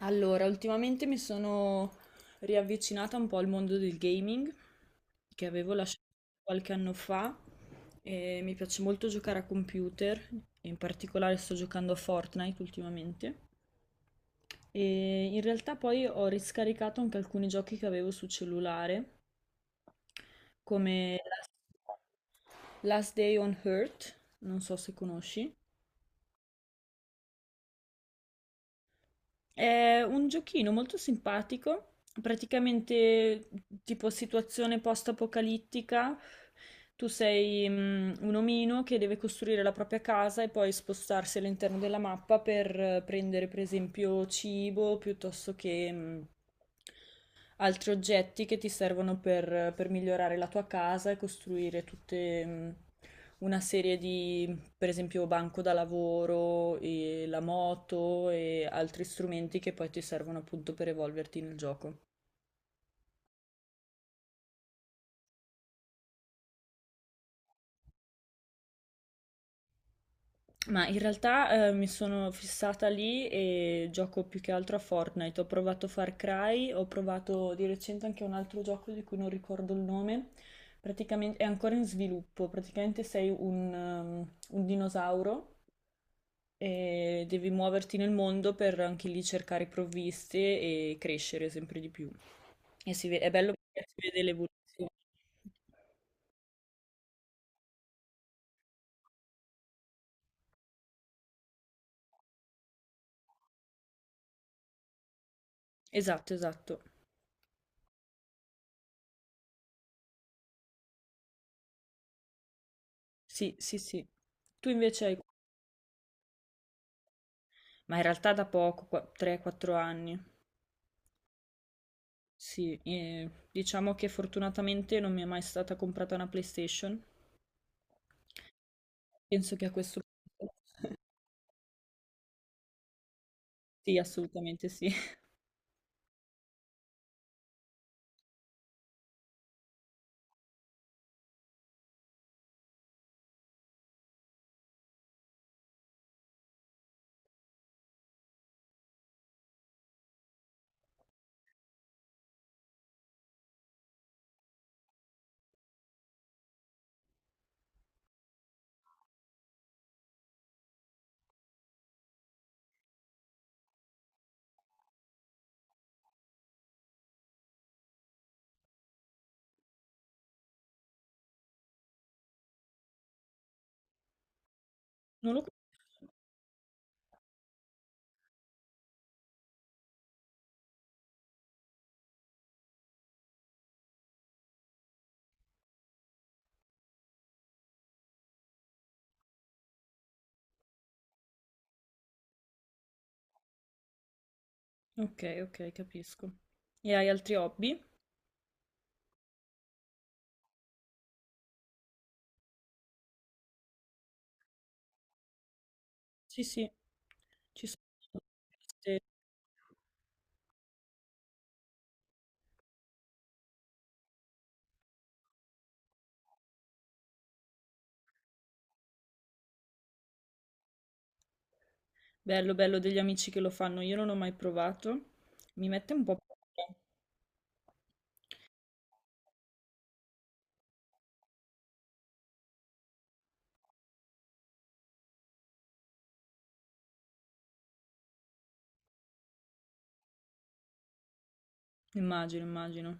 Allora, ultimamente mi sono riavvicinata un po' al mondo del gaming che avevo lasciato qualche anno fa e mi piace molto giocare a computer, e in particolare sto giocando a Fortnite ultimamente. E in realtà poi ho riscaricato anche alcuni giochi che avevo su cellulare, come Last Day on Earth, non so se conosci. È un giochino molto simpatico, praticamente tipo situazione post-apocalittica. Tu sei un omino che deve costruire la propria casa e poi spostarsi all'interno della mappa per prendere, per esempio, cibo piuttosto che altri oggetti che ti servono per migliorare la tua casa e costruire tutte una serie di, per esempio, banco da lavoro, e la moto e altri strumenti che poi ti servono appunto per evolverti nel gioco. Ma in realtà mi sono fissata lì e gioco più che altro a Fortnite. Ho provato Far Cry, ho provato di recente anche un altro gioco di cui non ricordo il nome. Praticamente è ancora in sviluppo, praticamente sei un, un dinosauro. E devi muoverti nel mondo per anche lì cercare provviste e crescere sempre di più. E è bello perché si vede l'evoluzione. Esatto, esatto. Sì, sì, sì. Tu invece hai... Ma in realtà da poco, 3-4 anni. Sì, diciamo che fortunatamente non mi è mai stata comprata una PlayStation. Penso che a questo punto... Sì, assolutamente sì. Non lo... Ok, ok, capisco. E hai altri hobby? Sì, sì. Ci sono eh, bello, bello degli amici che lo fanno, io non ho mai provato, mi mette un po' paura, immagino, immagino.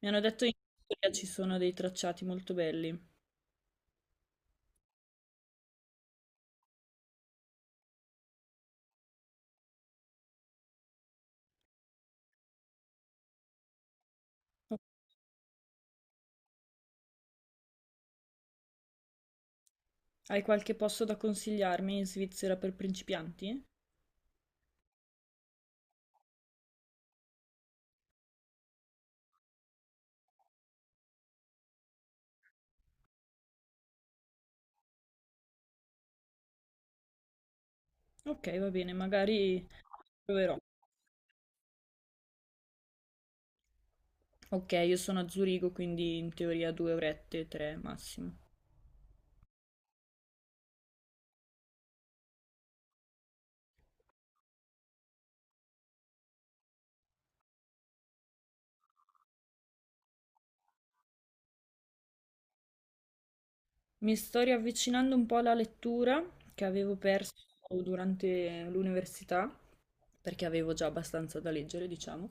Mi hanno detto in Italia ci sono dei tracciati molto belli. Hai qualche posto da consigliarmi in Svizzera per principianti? Ok, va bene, magari proverò. Ok, io sono a Zurigo, quindi in teoria 2 orette, 3 massimo. Mi sto riavvicinando un po' alla lettura che avevo perso durante l'università perché avevo già abbastanza da leggere, diciamo,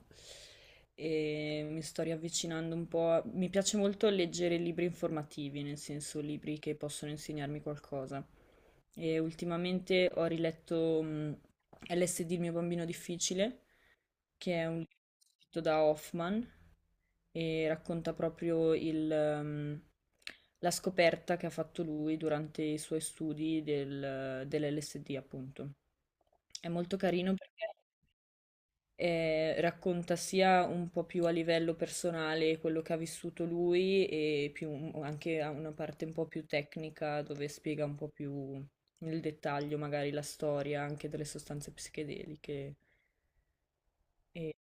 e mi sto riavvicinando un po'. Mi piace molto leggere libri informativi, nel senso libri che possono insegnarmi qualcosa. E ultimamente ho riletto LSD, il mio bambino difficile, che è un libro scritto da Hoffman e racconta proprio il, la scoperta che ha fatto lui durante i suoi studi dell'LSD, appunto. È molto carino perché racconta sia un po' più a livello personale quello che ha vissuto lui e più, anche a una parte un po' più tecnica dove spiega un po' più nel dettaglio magari la storia anche delle sostanze psichedeliche. E,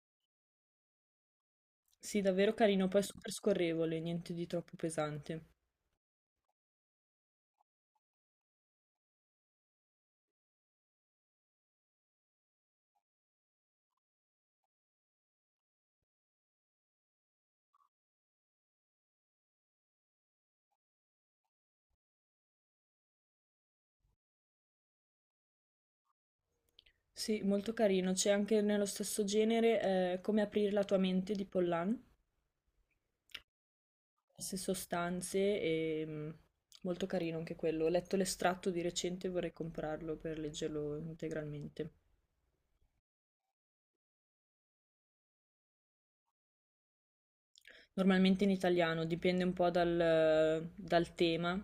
sì, davvero carino, poi è super scorrevole, niente di troppo pesante. Sì, molto carino, c'è anche nello stesso genere Come aprire la tua mente di Pollan. Diverse sostanze e molto carino anche quello. Ho letto l'estratto di recente e vorrei comprarlo per leggerlo integralmente. Normalmente in italiano, dipende un po' dal tema.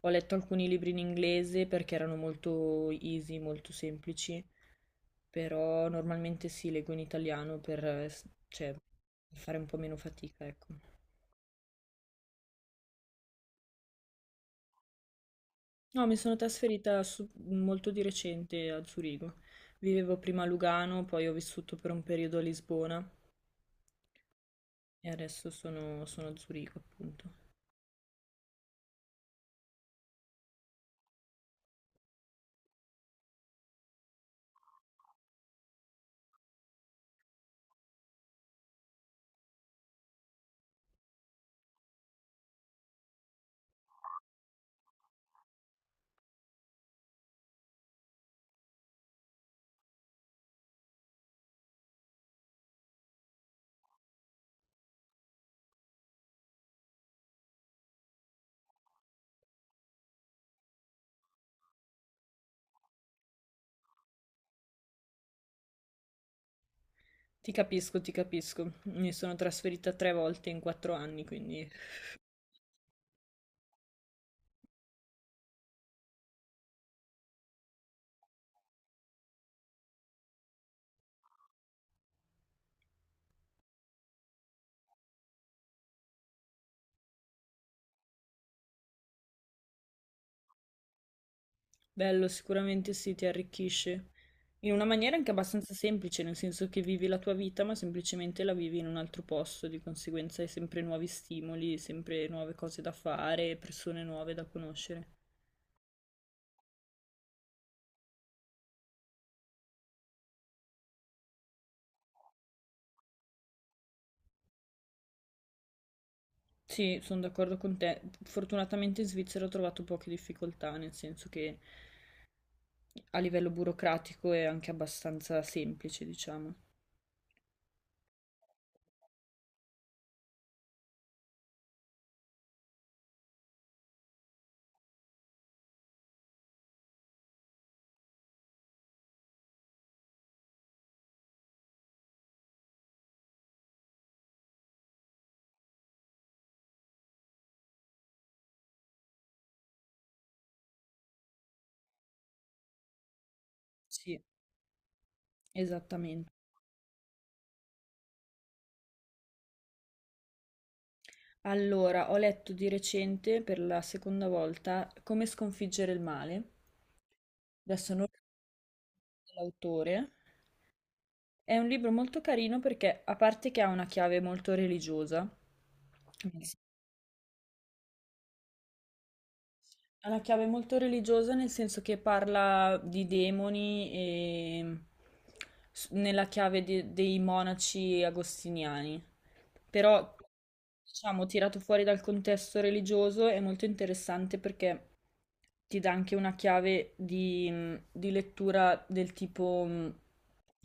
Ho letto alcuni libri in inglese perché erano molto easy, molto semplici, però normalmente sì, leggo in italiano per, cioè, per fare un po' meno fatica, ecco. No, mi sono trasferita molto di recente a Zurigo. Vivevo prima a Lugano, poi ho vissuto per un periodo a Lisbona. E adesso sono a Zurigo, appunto. Ti capisco, ti capisco. Mi sono trasferita 3 volte in 4 anni, quindi bello, sicuramente sì, ti arricchisce. In una maniera anche abbastanza semplice, nel senso che vivi la tua vita, ma semplicemente la vivi in un altro posto, di conseguenza hai sempre nuovi stimoli, sempre nuove cose da fare, persone nuove da conoscere. Sì, sono d'accordo con te. Fortunatamente in Svizzera ho trovato poche difficoltà, nel senso che a livello burocratico è anche abbastanza semplice, diciamo. Sì, esattamente. Allora, ho letto di recente per la seconda volta Come sconfiggere il male. Adesso non ricordo l'autore. È un libro molto carino perché, a parte che ha una chiave molto religiosa, nel... Ha la chiave molto religiosa nel senso che parla di demoni e nella chiave dei monaci agostiniani. Però, diciamo, tirato fuori dal contesto religioso è molto interessante perché ti dà anche una chiave di lettura del tipo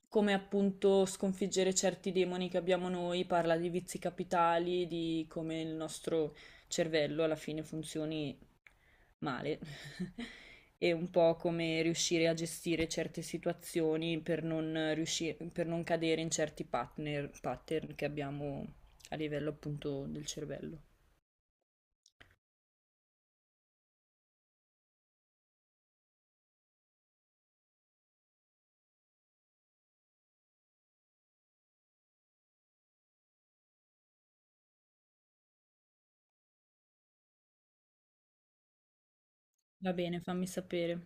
come appunto sconfiggere certi demoni che abbiamo noi, parla di vizi capitali, di come il nostro cervello alla fine funzioni male. È un po' come riuscire a gestire certe situazioni per non riusci- per non cadere in certi pattern che abbiamo a livello appunto del cervello. Va bene, fammi sapere.